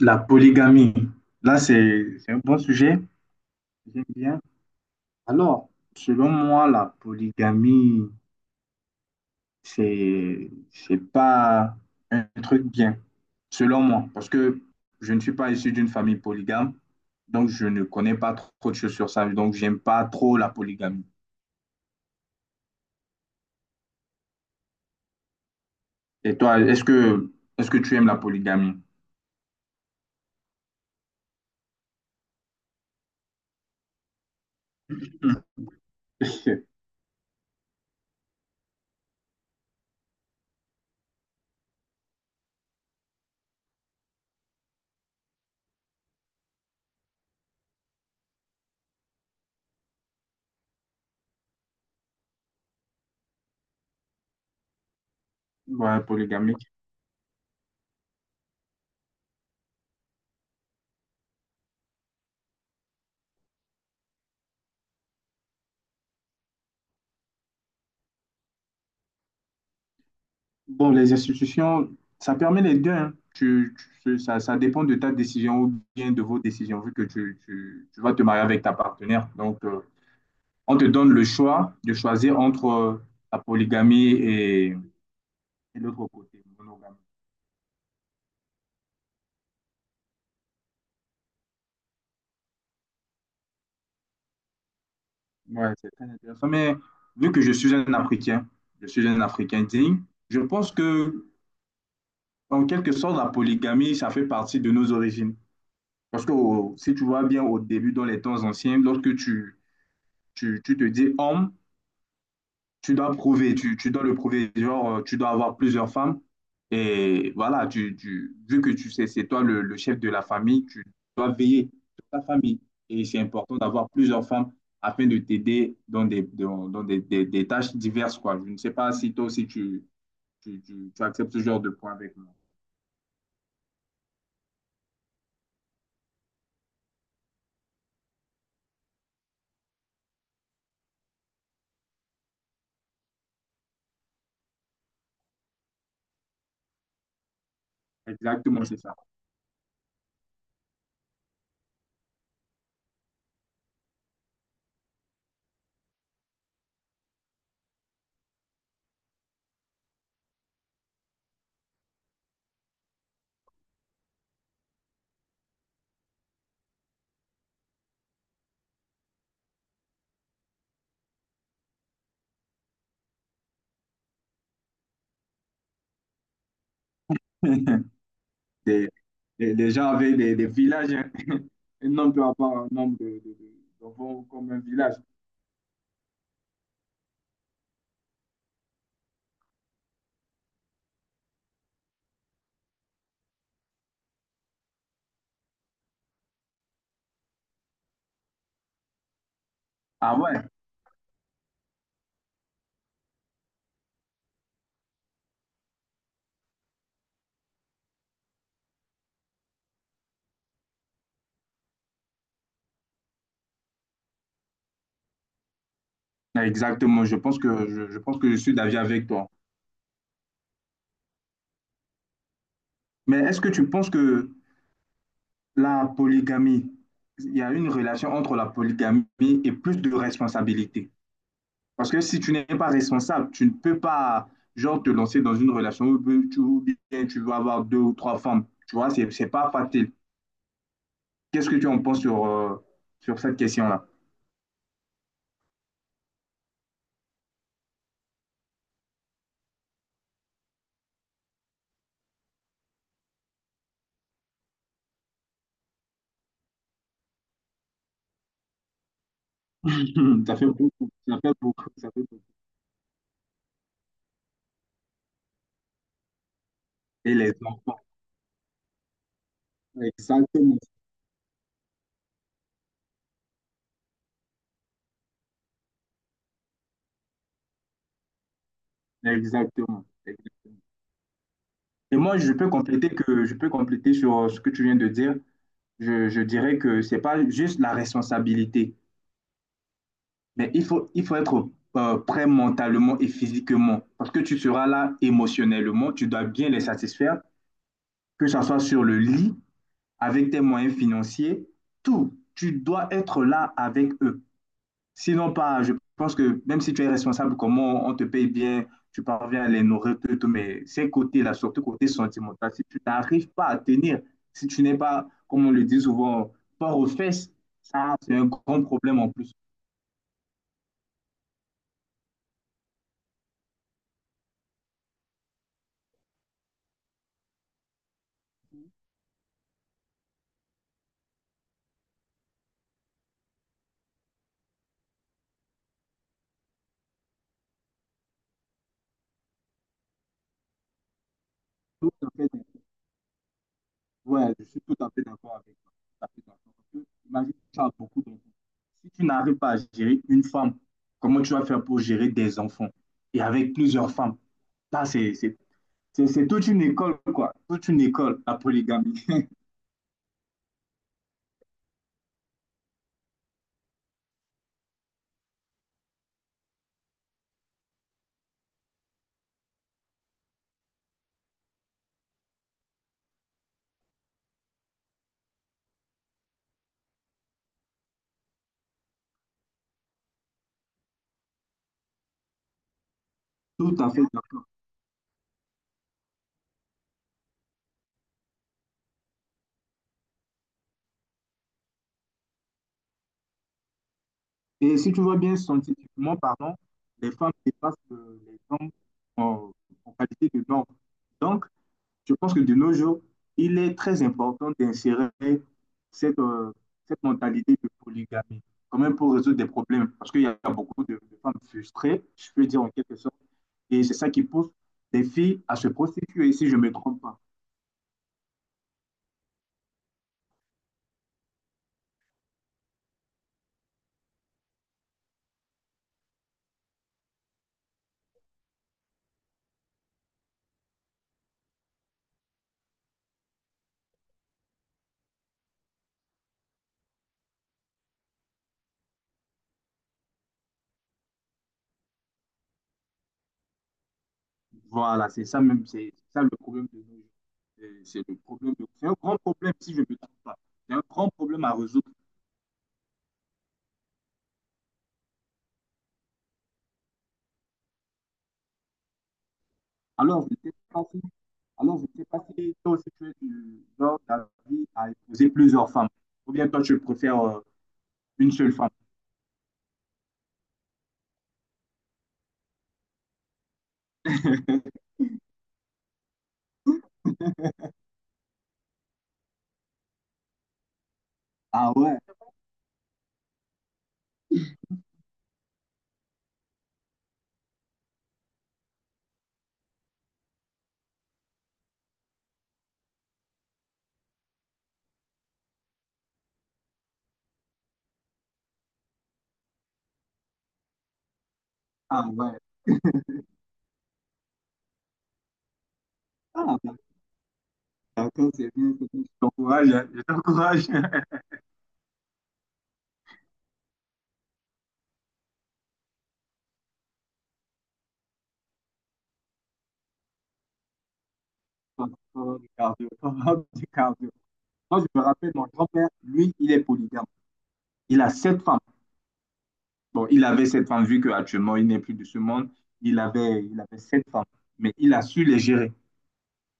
La polygamie, là, c'est un bon sujet. J'aime bien. Alors, selon moi, la polygamie, c'est pas un truc bien, selon moi, parce que je ne suis pas issu d'une famille polygame, donc je ne connais pas trop de choses sur ça, donc j'aime pas trop la polygamie. Et toi, est-ce que tu aimes la polygamie? Ouais, polygamie. Bon, les institutions, ça permet les deux, hein. Ça, ça dépend de ta décision ou bien de vos décisions, vu que tu vas te marier avec ta partenaire. Donc, on te donne le choix de choisir entre la polygamie et l'autre côté, monogamie. Ouais, c'est très intéressant. Mais vu que je suis un Africain, je suis un Africain digne, je pense que, en quelque sorte, la polygamie, ça fait partie de nos origines. Parce que si tu vois bien au début, dans les temps anciens, lorsque tu te dis homme, tu dois prouver, tu dois le prouver, genre, tu dois avoir plusieurs femmes. Et voilà, vu que tu sais, c'est toi le chef de la famille, tu dois veiller sur ta famille. Et c'est important d'avoir plusieurs femmes afin de t'aider dans des, dans, dans des tâches diverses, quoi. Je ne sais pas si toi aussi tu acceptes ce genre de point avec moi. Exactement, c'est ça. Des, des gens avec des villages, hein. Un homme peut avoir un nombre de d'enfants comme un village. Ah ouais, exactement, je pense que je pense que je suis d'avis avec toi. Mais est-ce que tu penses que la polygamie, il y a une relation entre la polygamie et plus de responsabilité? Parce que si tu n'es pas responsable, tu ne peux pas genre te lancer dans une relation où ou bien tu vas avoir deux ou trois femmes. Tu vois, c'est pas facile. Qu'est-ce que tu en penses sur sur cette question-là? Ça fait beaucoup, ça fait beaucoup, ça fait beaucoup. Et les enfants. Exactement, exactement. Et moi, je peux compléter sur ce que tu viens de dire. Je dirais que c'est pas juste la responsabilité, mais il faut être prêt mentalement et physiquement parce que tu seras là émotionnellement. Tu dois bien les satisfaire, que ça soit sur le lit, avec tes moyens financiers, tout. Tu dois être là avec eux. Sinon, pas, je pense que même si tu es responsable, comment on te paye bien, tu parviens à les nourrir, tout, tout, mais ces côtés-là, surtout côté sentimental, si tu n'arrives pas à tenir, si tu n'es pas, comme on le dit souvent, fort aux fesses, ça, c'est un grand problème en plus. Tout à fait ouais, je suis tout à fait d'accord avec toi. Tout à fait d'accord. Parce que, imagine, tu as beaucoup d'enfants. Si tu n'arrives pas à gérer une femme, comment tu vas faire pour gérer des enfants et avec plusieurs femmes? Ça, c'est c'est toute une école, quoi. Toute une école, la polygamie. Tout à fait d'accord. Et si tu vois bien scientifiquement pardon les femmes dépassent les hommes en, en qualité de normes. Donc, je pense que de nos jours, il est très important d'insérer cette, cette mentalité de polygamie, quand même pour résoudre des problèmes, parce qu'il y a beaucoup de femmes frustrées, je peux dire en quelque sorte, et c'est ça qui pousse les filles à se prostituer, si je ne me trompe pas. Voilà, c'est ça même, c'est ça le problème de nos jours. C'est le c'est un grand problème si je ne me trompe pas. C'est un grand problème à résoudre. Alors, je ne sais pas si, alors, je ne sais pas si toi aussi tu es du genre d'avis à épouser plusieurs femmes. Ou bien toi, tu préfères une seule femme. Ah ouais, ah ouais. Ah, bah, d'accord, c'est bien, c'est bien. Je t'encourage, hein, je t'encourage. Faut avoir du cardio, faut avoir du cardio. Moi, je me rappelle, mon grand-père, lui, il est polygame. Il a 7 femmes. Bon, il avait cette femme, vu qu'actuellement, il n'est plus de ce monde. Il avait cette femme, mais il a su les gérer.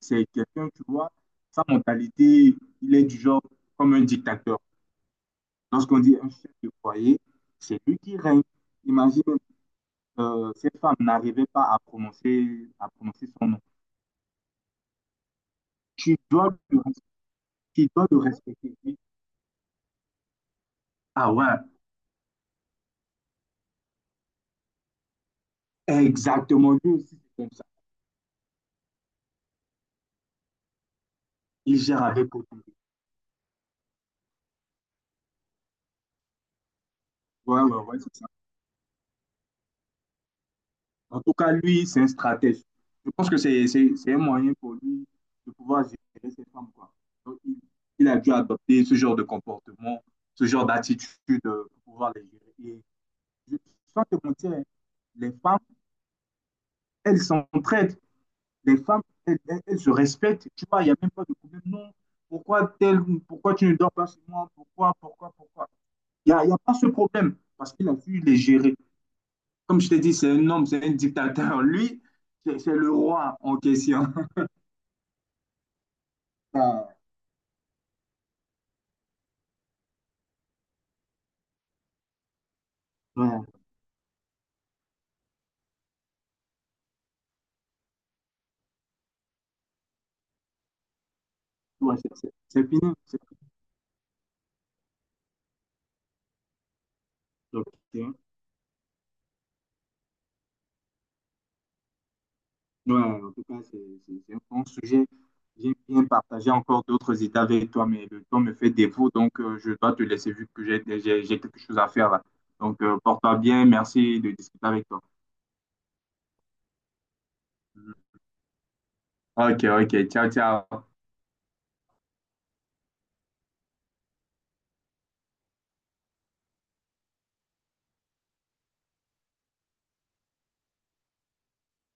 C'est quelqu'un, tu vois, sa mentalité, il est du genre comme un dictateur. Lorsqu'on dit un chef de foyer, c'est lui qui règne. Imagine, cette femme n'arrivait pas à prononcer, à prononcer son nom. Tu dois le, tu dois le respecter. Oui. Ah ouais, exactement, lui aussi, c'est comme ça. Il gère avec autorité. Ouais, ouais, ouais, c'est ça. En tout cas, lui, c'est un stratège. Je pense que c'est un moyen pour lui de pouvoir gérer ses femmes, quoi. Donc, il a dû adopter ce genre de comportement, ce genre d'attitude pour pouvoir les gérer. Et je, sans te mentir, hein, les femmes, elles s'entraident. Les femmes, elles se respectent. Tu vois, il n'y a même pas de problème. Non, pourquoi tel, pourquoi tu ne dors pas chez moi? Pourquoi, pourquoi, pourquoi? Il y a pas ce problème parce qu'il a su les gérer. Comme je t'ai dit, c'est un homme, c'est un dictateur. Lui, c'est le roi en question. Ah, ouais, ouais, c'est fini, c'est fini. Ok. Ouais, en tout cas, c'est un bon sujet. J'ai bien partagé encore d'autres idées avec toi, mais le temps me fait défaut, donc je dois te laisser vu que j'ai quelque chose à faire là. Donc, porte-toi bien, merci de discuter avec toi. Mhm. Ok, ok, ciao, ciao.